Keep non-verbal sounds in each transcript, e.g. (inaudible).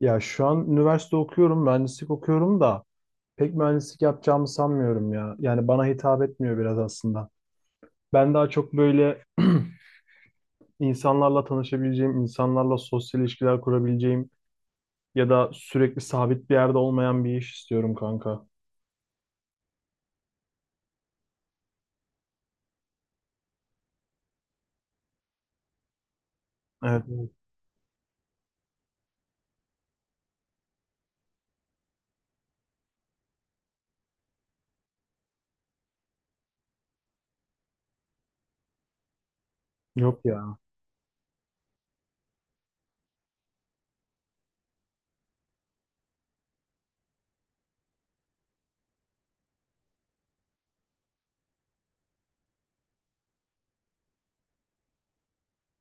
Ya şu an üniversite okuyorum, mühendislik okuyorum da pek mühendislik yapacağımı sanmıyorum ya. Yani bana hitap etmiyor biraz aslında. Ben daha çok böyle (clears throat) insanlarla tanışabileceğim, insanlarla sosyal ilişkiler kurabileceğim ya da sürekli sabit bir yerde olmayan bir iş istiyorum kanka. Evet, evet. Yok ya.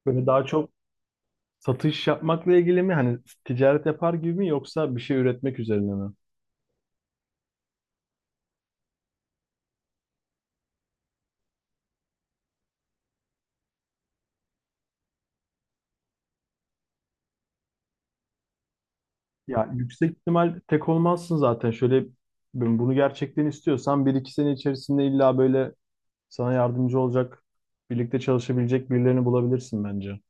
Böyle daha çok satış yapmakla ilgili mi? Hani ticaret yapar gibi mi yoksa bir şey üretmek üzerine mi? Ya yüksek ihtimal tek olmazsın zaten. Şöyle ben bunu gerçekten istiyorsan bir iki sene içerisinde illa böyle sana yardımcı olacak, birlikte çalışabilecek birilerini bulabilirsin bence.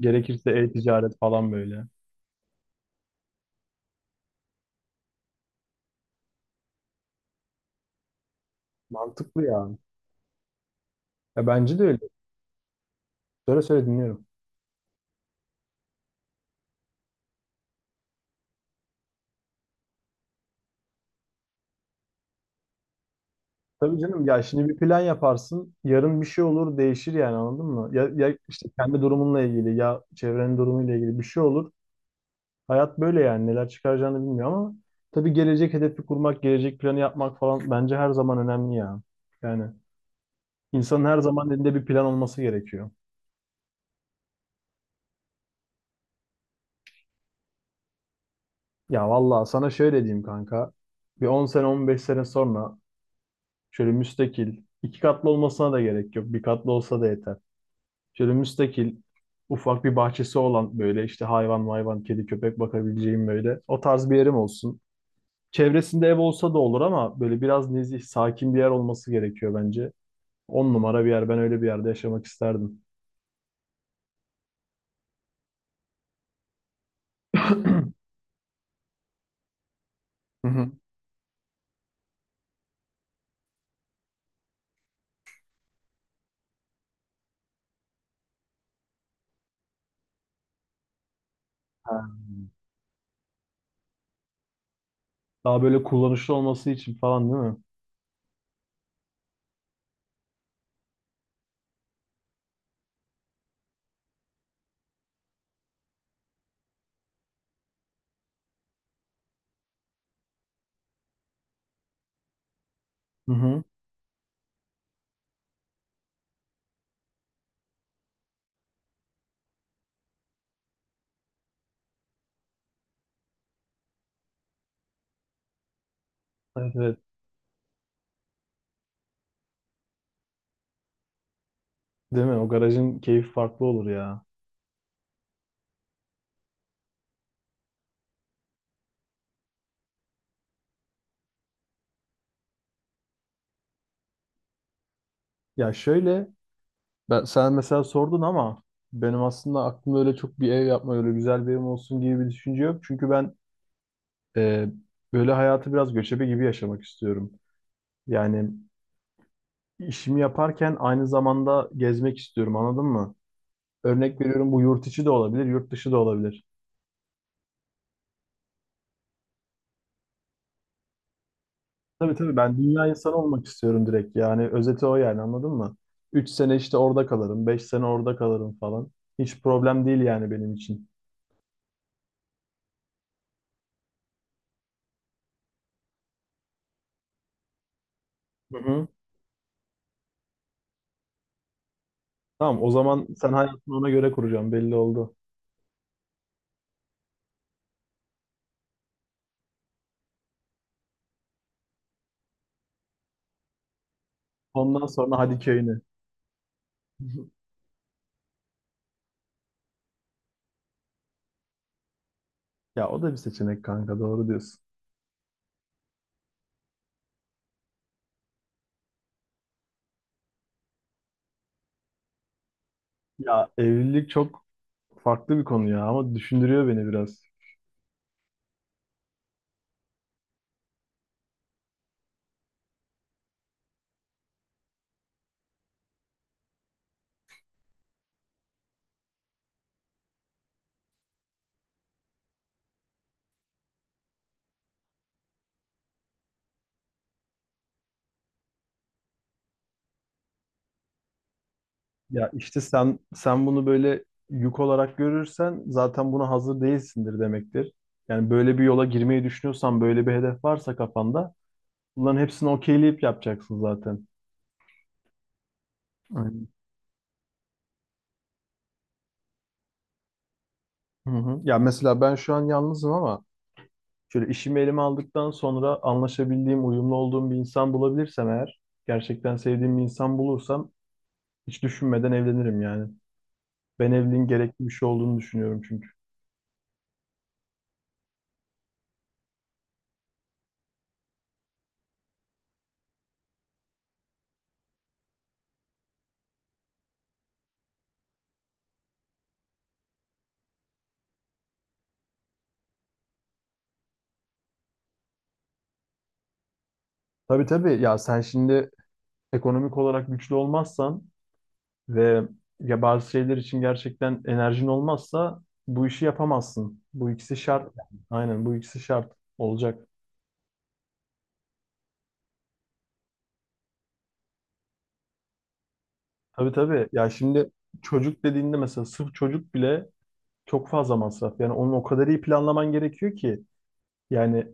Gerekirse e-ticaret falan böyle. Mantıklı ya. Ya bence de öyle. Söyle söyle dinliyorum. Tabii canım, ya şimdi bir plan yaparsın. Yarın bir şey olur, değişir yani, anladın mı? Ya, ya işte kendi durumunla ilgili ya çevrenin durumuyla ilgili bir şey olur. Hayat böyle, yani neler çıkaracağını bilmiyor ama tabii gelecek hedefi kurmak, gelecek planı yapmak falan bence her zaman önemli ya. Yani insanın her zaman elinde bir plan olması gerekiyor. Ya vallahi sana şöyle diyeyim kanka. Bir 10 sene 15 sene sonra şöyle müstakil, 2 katlı olmasına da gerek yok. Bir katlı olsa da yeter. Şöyle müstakil, ufak bir bahçesi olan, böyle işte hayvan mayvan, kedi köpek bakabileceğim böyle. O tarz bir yerim olsun. Çevresinde ev olsa da olur ama böyle biraz nezih, sakin bir yer olması gerekiyor bence. 10 numara bir yer. Ben öyle bir yerde yaşamak isterdim. (clears throat) Hı hı. Ha. Daha böyle kullanışlı olması için falan değil mi? Hı hı. Evet, evet. Değil mi? O garajın keyfi farklı olur ya. Ya şöyle, ben sen mesela sordun ama benim aslında aklımda öyle çok bir ev yapma, öyle güzel bir evim olsun gibi bir düşünce yok. Çünkü ben e, böyle hayatı biraz göçebe gibi yaşamak istiyorum. Yani işimi yaparken aynı zamanda gezmek istiyorum, anladın mı? Örnek veriyorum, bu yurt içi de olabilir, yurt dışı da olabilir. Tabii tabii, ben dünya insanı olmak istiyorum direkt. Yani özeti o yani, anladın mı? 3 sene işte orada kalırım, 5 sene orada kalırım falan. Hiç problem değil yani benim için. Hı hı. Tamam, o zaman sen hayatını ona göre kuracaksın, belli oldu. Ondan sonra hadi köyüne. (laughs) Ya o da bir seçenek kanka, doğru diyorsun. Ya evlilik çok farklı bir konu ya, ama düşündürüyor beni biraz. Ya işte sen bunu böyle yük olarak görürsen zaten buna hazır değilsindir demektir. Yani böyle bir yola girmeyi düşünüyorsan, böyle bir hedef varsa kafanda, bunların hepsini okeyleyip yapacaksın zaten. Aynen. Hı hı. Ya mesela ben şu an yalnızım ama şöyle işimi elime aldıktan sonra anlaşabildiğim, uyumlu olduğum bir insan bulabilirsem eğer, gerçekten sevdiğim bir insan bulursam hiç düşünmeden evlenirim yani. Ben evliliğin gerekli bir şey olduğunu düşünüyorum çünkü. Tabii tabii, ya sen şimdi ekonomik olarak güçlü olmazsan ve ya bazı şeyler için gerçekten enerjin olmazsa bu işi yapamazsın. Bu ikisi şart yani. Aynen, bu ikisi şart olacak. Tabii tabii, ya şimdi çocuk dediğinde mesela sırf çocuk bile çok fazla masraf. Yani onu o kadar iyi planlaman gerekiyor ki. Yani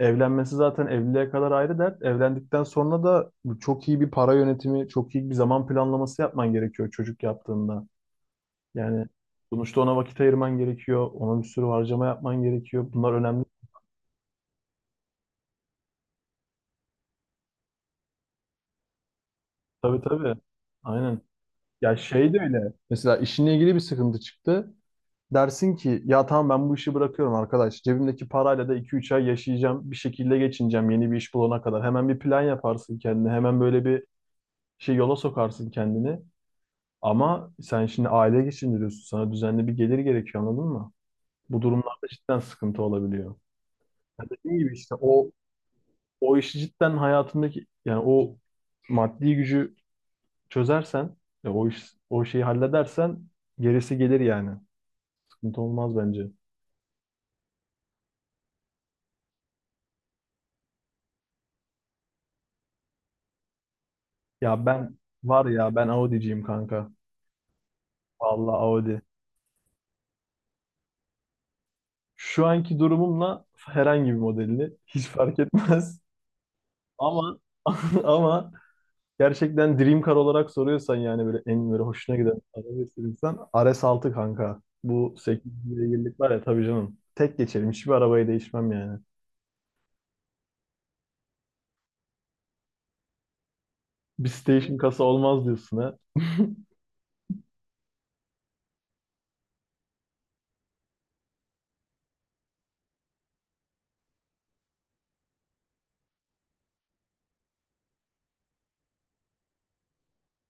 evlenmesi zaten evliliğe kadar ayrı dert. Evlendikten sonra da çok iyi bir para yönetimi, çok iyi bir zaman planlaması yapman gerekiyor çocuk yaptığında. Yani sonuçta ona vakit ayırman gerekiyor. Ona bir sürü harcama yapman gerekiyor. Bunlar önemli. Tabii tabii. Aynen. Ya şey de öyle. Mesela işinle ilgili bir sıkıntı çıktı. Dersin ki ya tamam, ben bu işi bırakıyorum arkadaş. Cebimdeki parayla da 2-3 ay yaşayacağım. Bir şekilde geçineceğim yeni bir iş bulana kadar. Hemen bir plan yaparsın kendine. Hemen böyle bir şey, yola sokarsın kendini. Ama sen şimdi aile geçindiriyorsun. Sana düzenli bir gelir gerekiyor, anladın mı? Bu durumlarda cidden sıkıntı olabiliyor. Ya dediğim gibi işte o işi cidden hayatındaki, yani o maddi gücü çözersen, ya o iş, o şeyi halledersen gerisi gelir yani. Sıkıntı olmaz bence. Ya ben Var ya, ben Audi'ciyim kanka. Vallahi Audi. Şu anki durumumla herhangi bir modelini hiç fark etmez. Ama (laughs) ama gerçekten dream car olarak soruyorsan, yani böyle en böyle hoşuna giden araba istiyorsan, RS6 kanka. Bu 8 beygirlik var ya, tabii canım. Tek geçerim. Hiçbir arabayı değişmem yani. Bir station kasa olmaz diyorsun ha.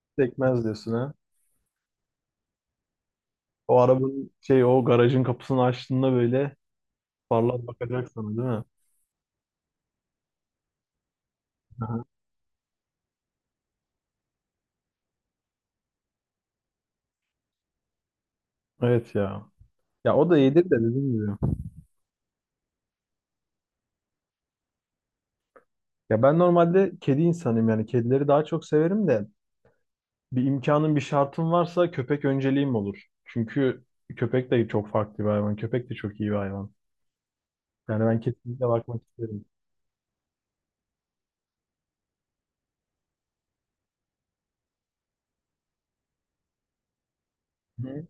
(laughs) Sekmez diyorsun ha. O arabanın şey, o garajın kapısını açtığında böyle parlar, bakacak sana, değil mi? Aha. Evet ya. Ya o da iyidir de, dediğim gibi. Ya ben normalde kedi insanıyım, yani kedileri daha çok severim de bir imkanım bir şartım varsa köpek önceliğim olur. Çünkü köpek de çok farklı bir hayvan. Köpek de çok iyi bir hayvan. Yani ben kesinlikle bakmak isterim. Hı.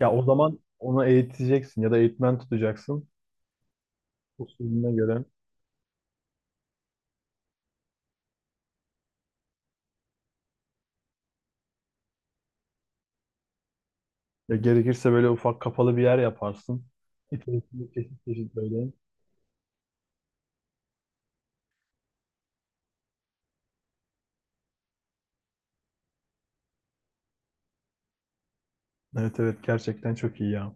Ya o zaman onu eğiteceksin ya da eğitmen tutacaksın. Usulüne göre. Ya gerekirse böyle ufak kapalı bir yer yaparsın. İçerisinde çeşit çeşit böyle. Evet evet, gerçekten çok iyi ya.